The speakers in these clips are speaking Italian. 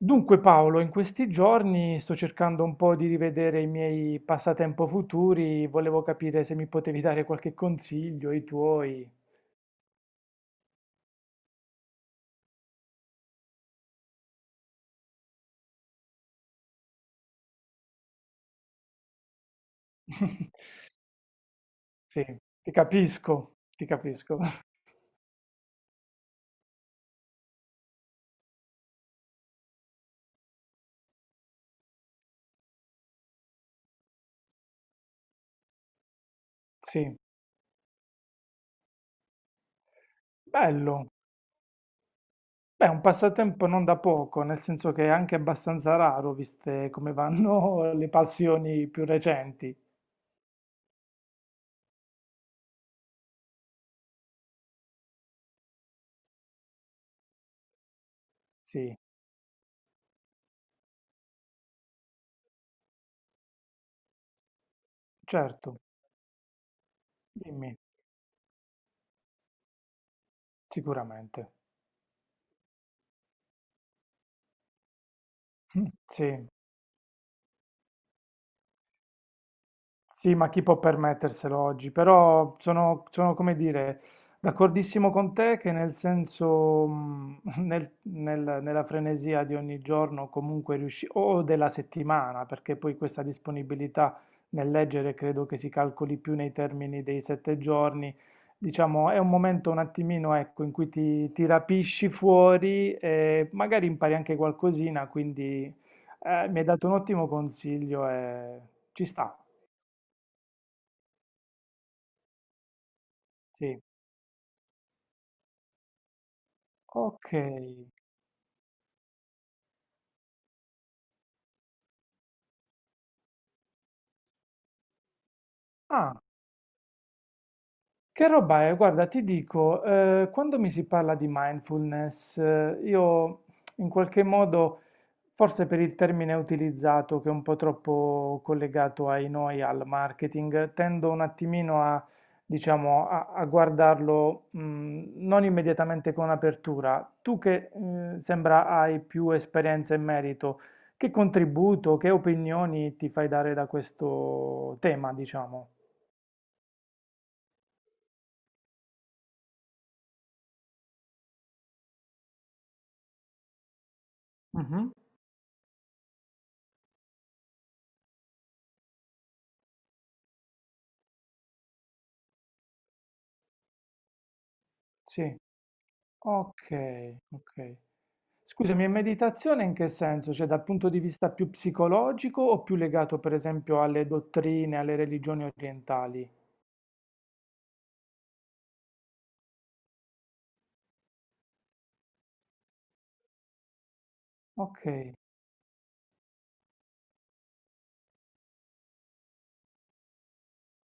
Dunque Paolo, in questi giorni sto cercando un po' di rivedere i miei passatempo futuri, volevo capire se mi potevi dare qualche consiglio, i tuoi. Sì, ti capisco, ti capisco. Sì, bello. Beh, un passatempo non da poco, nel senso che è anche abbastanza raro, viste come vanno le passioni più recenti. Sì, certo, dimmi, sicuramente. Sì. Sì, ma chi può permetterselo oggi? Però sono, come dire, d'accordissimo con te che nel senso, nella frenesia di ogni giorno comunque riusci, o della settimana, perché poi questa disponibilità nel leggere credo che si calcoli più nei termini dei sette giorni, diciamo, è un momento un attimino, ecco, in cui ti rapisci fuori e magari impari anche qualcosina, quindi mi hai dato un ottimo consiglio e ci sta, sì. Ok. Ah, che roba è? Guarda, ti dico, quando mi si parla di mindfulness, io in qualche modo, forse per il termine utilizzato, che è un po' troppo collegato ai noi, al marketing, tendo un attimino a, diciamo, a guardarlo, non immediatamente con apertura. Tu che, sembra hai più esperienza in merito, che contributo, che opinioni ti fai dare da questo tema, diciamo? Mh-mh. Sì, okay, okay. Scusami, e meditazione in che senso? Cioè dal punto di vista più psicologico o più legato per esempio alle dottrine, alle religioni orientali? Okay,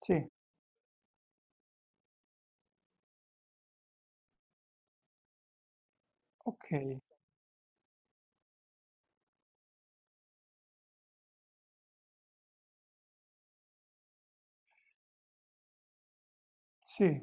sì, okay, sì.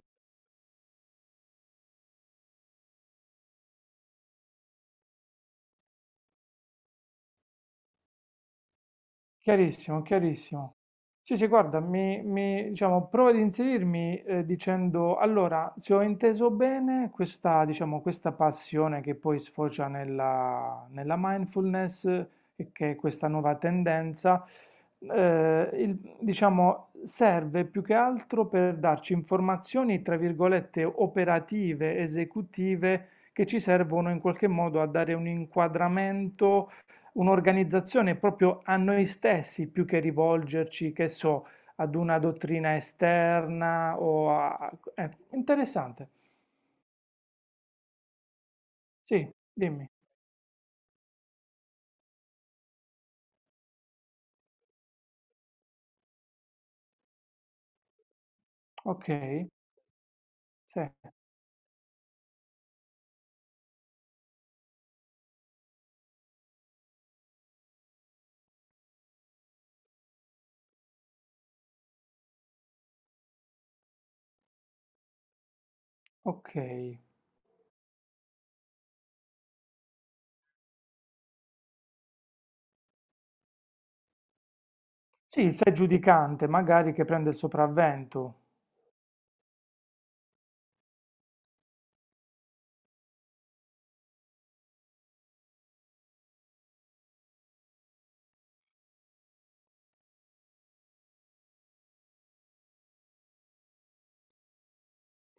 Chiarissimo, chiarissimo. Sì, sì, guarda, mi, diciamo, prova ad inserirmi dicendo, allora, se ho inteso bene, questa, diciamo, questa passione che poi sfocia nella mindfulness, e che è questa nuova tendenza, diciamo, serve più che altro per darci informazioni, tra virgolette, operative, esecutive, che ci servono in qualche modo a dare un inquadramento un'organizzazione proprio a noi stessi più che rivolgerci, che so, ad una dottrina esterna o a... È interessante. Sì, dimmi. Ok, sì, ok. Sì, il sé giudicante, magari che prende il sopravvento.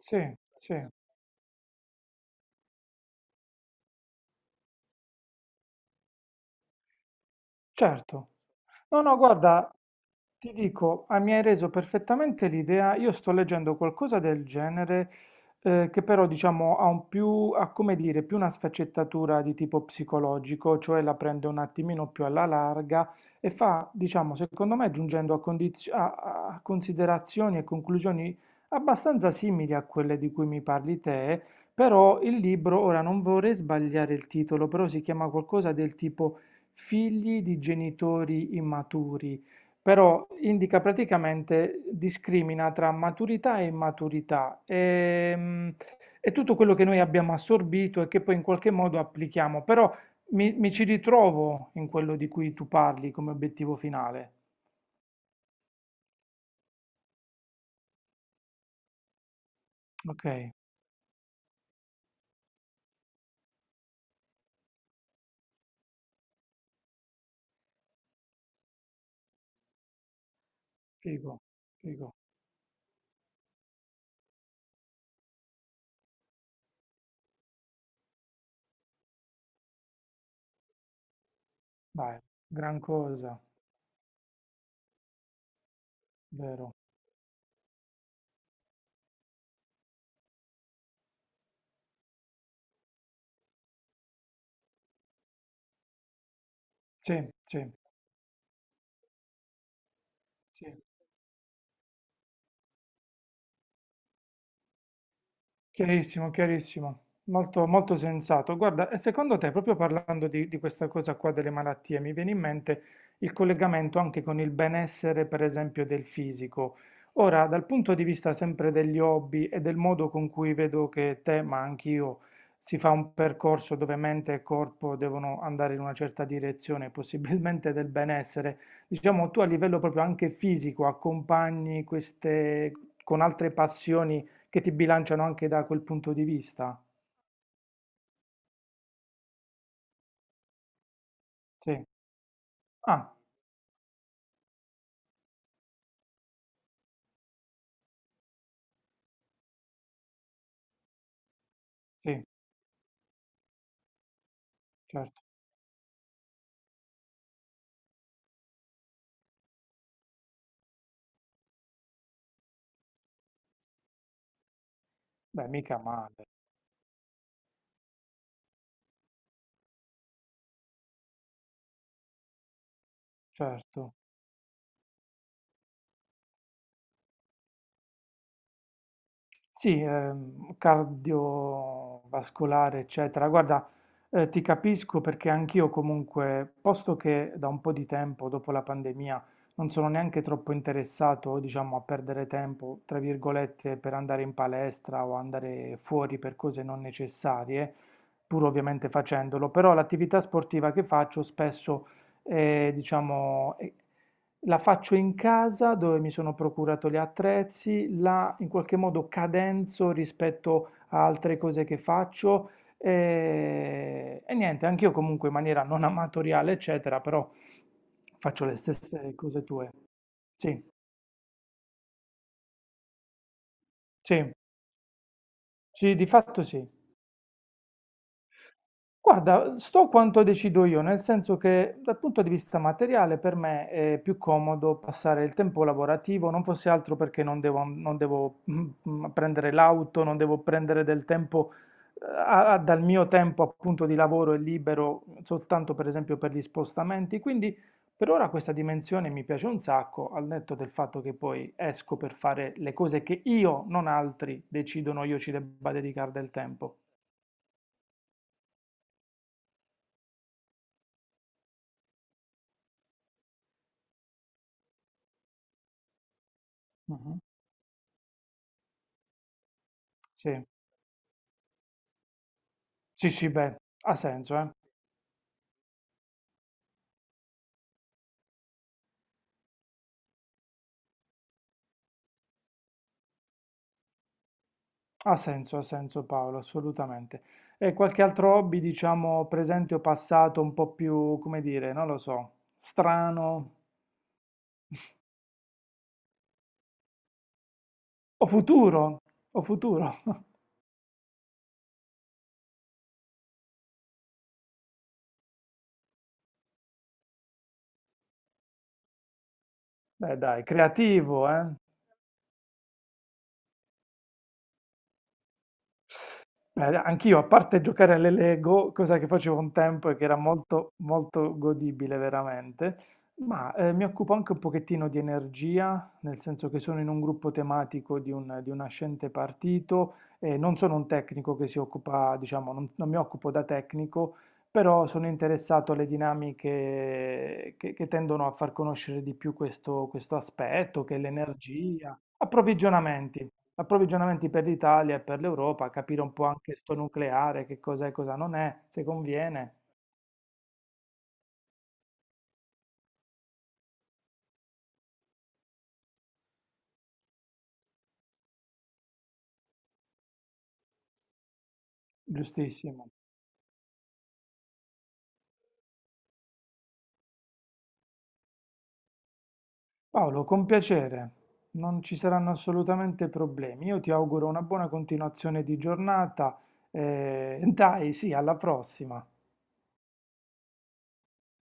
Sì, sì, certo. No, no, guarda, ti dico, ah, mi hai reso perfettamente l'idea. Io sto leggendo qualcosa del genere, che però diciamo ha un più, ha come dire, più una sfaccettatura di tipo psicologico, cioè la prende un attimino più alla larga e fa, diciamo, secondo me giungendo a, a considerazioni e conclusioni abbastanza simili a quelle di cui mi parli te, però il libro, ora non vorrei sbagliare il titolo, però si chiama qualcosa del tipo figli di genitori immaturi, però indica praticamente, discrimina tra maturità e immaturità. È tutto quello che noi abbiamo assorbito e che poi in qualche modo applichiamo, però mi, ci ritrovo in quello di cui tu parli come obiettivo finale. Ok, figo, figo, vai, gran cosa, vero? Sì, sì, sì. Chiarissimo, chiarissimo, molto, molto sensato. Guarda, e secondo te, proprio parlando di questa cosa qua delle malattie, mi viene in mente il collegamento anche con il benessere, per esempio, del fisico. Ora, dal punto di vista sempre degli hobby e del modo con cui vedo che te, ma anch'io, si fa un percorso dove mente e corpo devono andare in una certa direzione, possibilmente del benessere, diciamo tu a livello proprio anche fisico accompagni queste con altre passioni che ti bilanciano anche da quel punto di vista? Sì. Ah, sì, certo. Beh, mica male, certo. Sì, cardiovascolare, eccetera. Guarda, ti capisco perché anch'io comunque, posto che da un po' di tempo, dopo la pandemia, non sono neanche troppo interessato, diciamo, a perdere tempo, tra virgolette, per andare in palestra o andare fuori per cose non necessarie, pur ovviamente facendolo, però l'attività sportiva che faccio spesso, diciamo, è la faccio in casa dove mi sono procurato gli attrezzi, la in qualche modo cadenzo rispetto a altre cose che faccio e niente, anch'io comunque in maniera non amatoriale, eccetera, però faccio le stesse cose tue. Sì, sì, sì, di fatto sì. Guarda, sto quanto decido io, nel senso che dal punto di vista materiale per me è più comodo passare il tempo lavorativo, non fosse altro perché non devo prendere l'auto, non devo prendere del tempo, dal mio tempo appunto di lavoro e libero soltanto per esempio per gli spostamenti. Quindi per ora questa dimensione mi piace un sacco, al netto del fatto che poi esco per fare le cose che io, non altri, decidono io ci debba dedicare del tempo. Mhm. Sì. Sì, sì, beh, ha senso, eh. Ha senso Paolo, assolutamente. E qualche altro hobby, diciamo, presente o passato, un po' più, come dire, non lo so, strano o futuro? O futuro? Beh, dai, creativo, eh. Beh, anch'io, a parte giocare alle Lego, cosa che facevo un tempo e che era molto, molto godibile veramente, ma mi occupo anche un pochettino di energia, nel senso che sono in un gruppo tematico di un, nascente partito e non sono un tecnico che si occupa, diciamo, non, mi occupo da tecnico, però sono interessato alle dinamiche che tendono a far conoscere di più questo, questo aspetto, che è l'energia, approvvigionamenti per l'Italia e per l'Europa, capire un po' anche sto nucleare, che cos'è e cosa non è, se conviene. Giustissimo. Paolo, con piacere. Non ci saranno assolutamente problemi. Io ti auguro una buona continuazione di giornata. Dai, sì, alla prossima.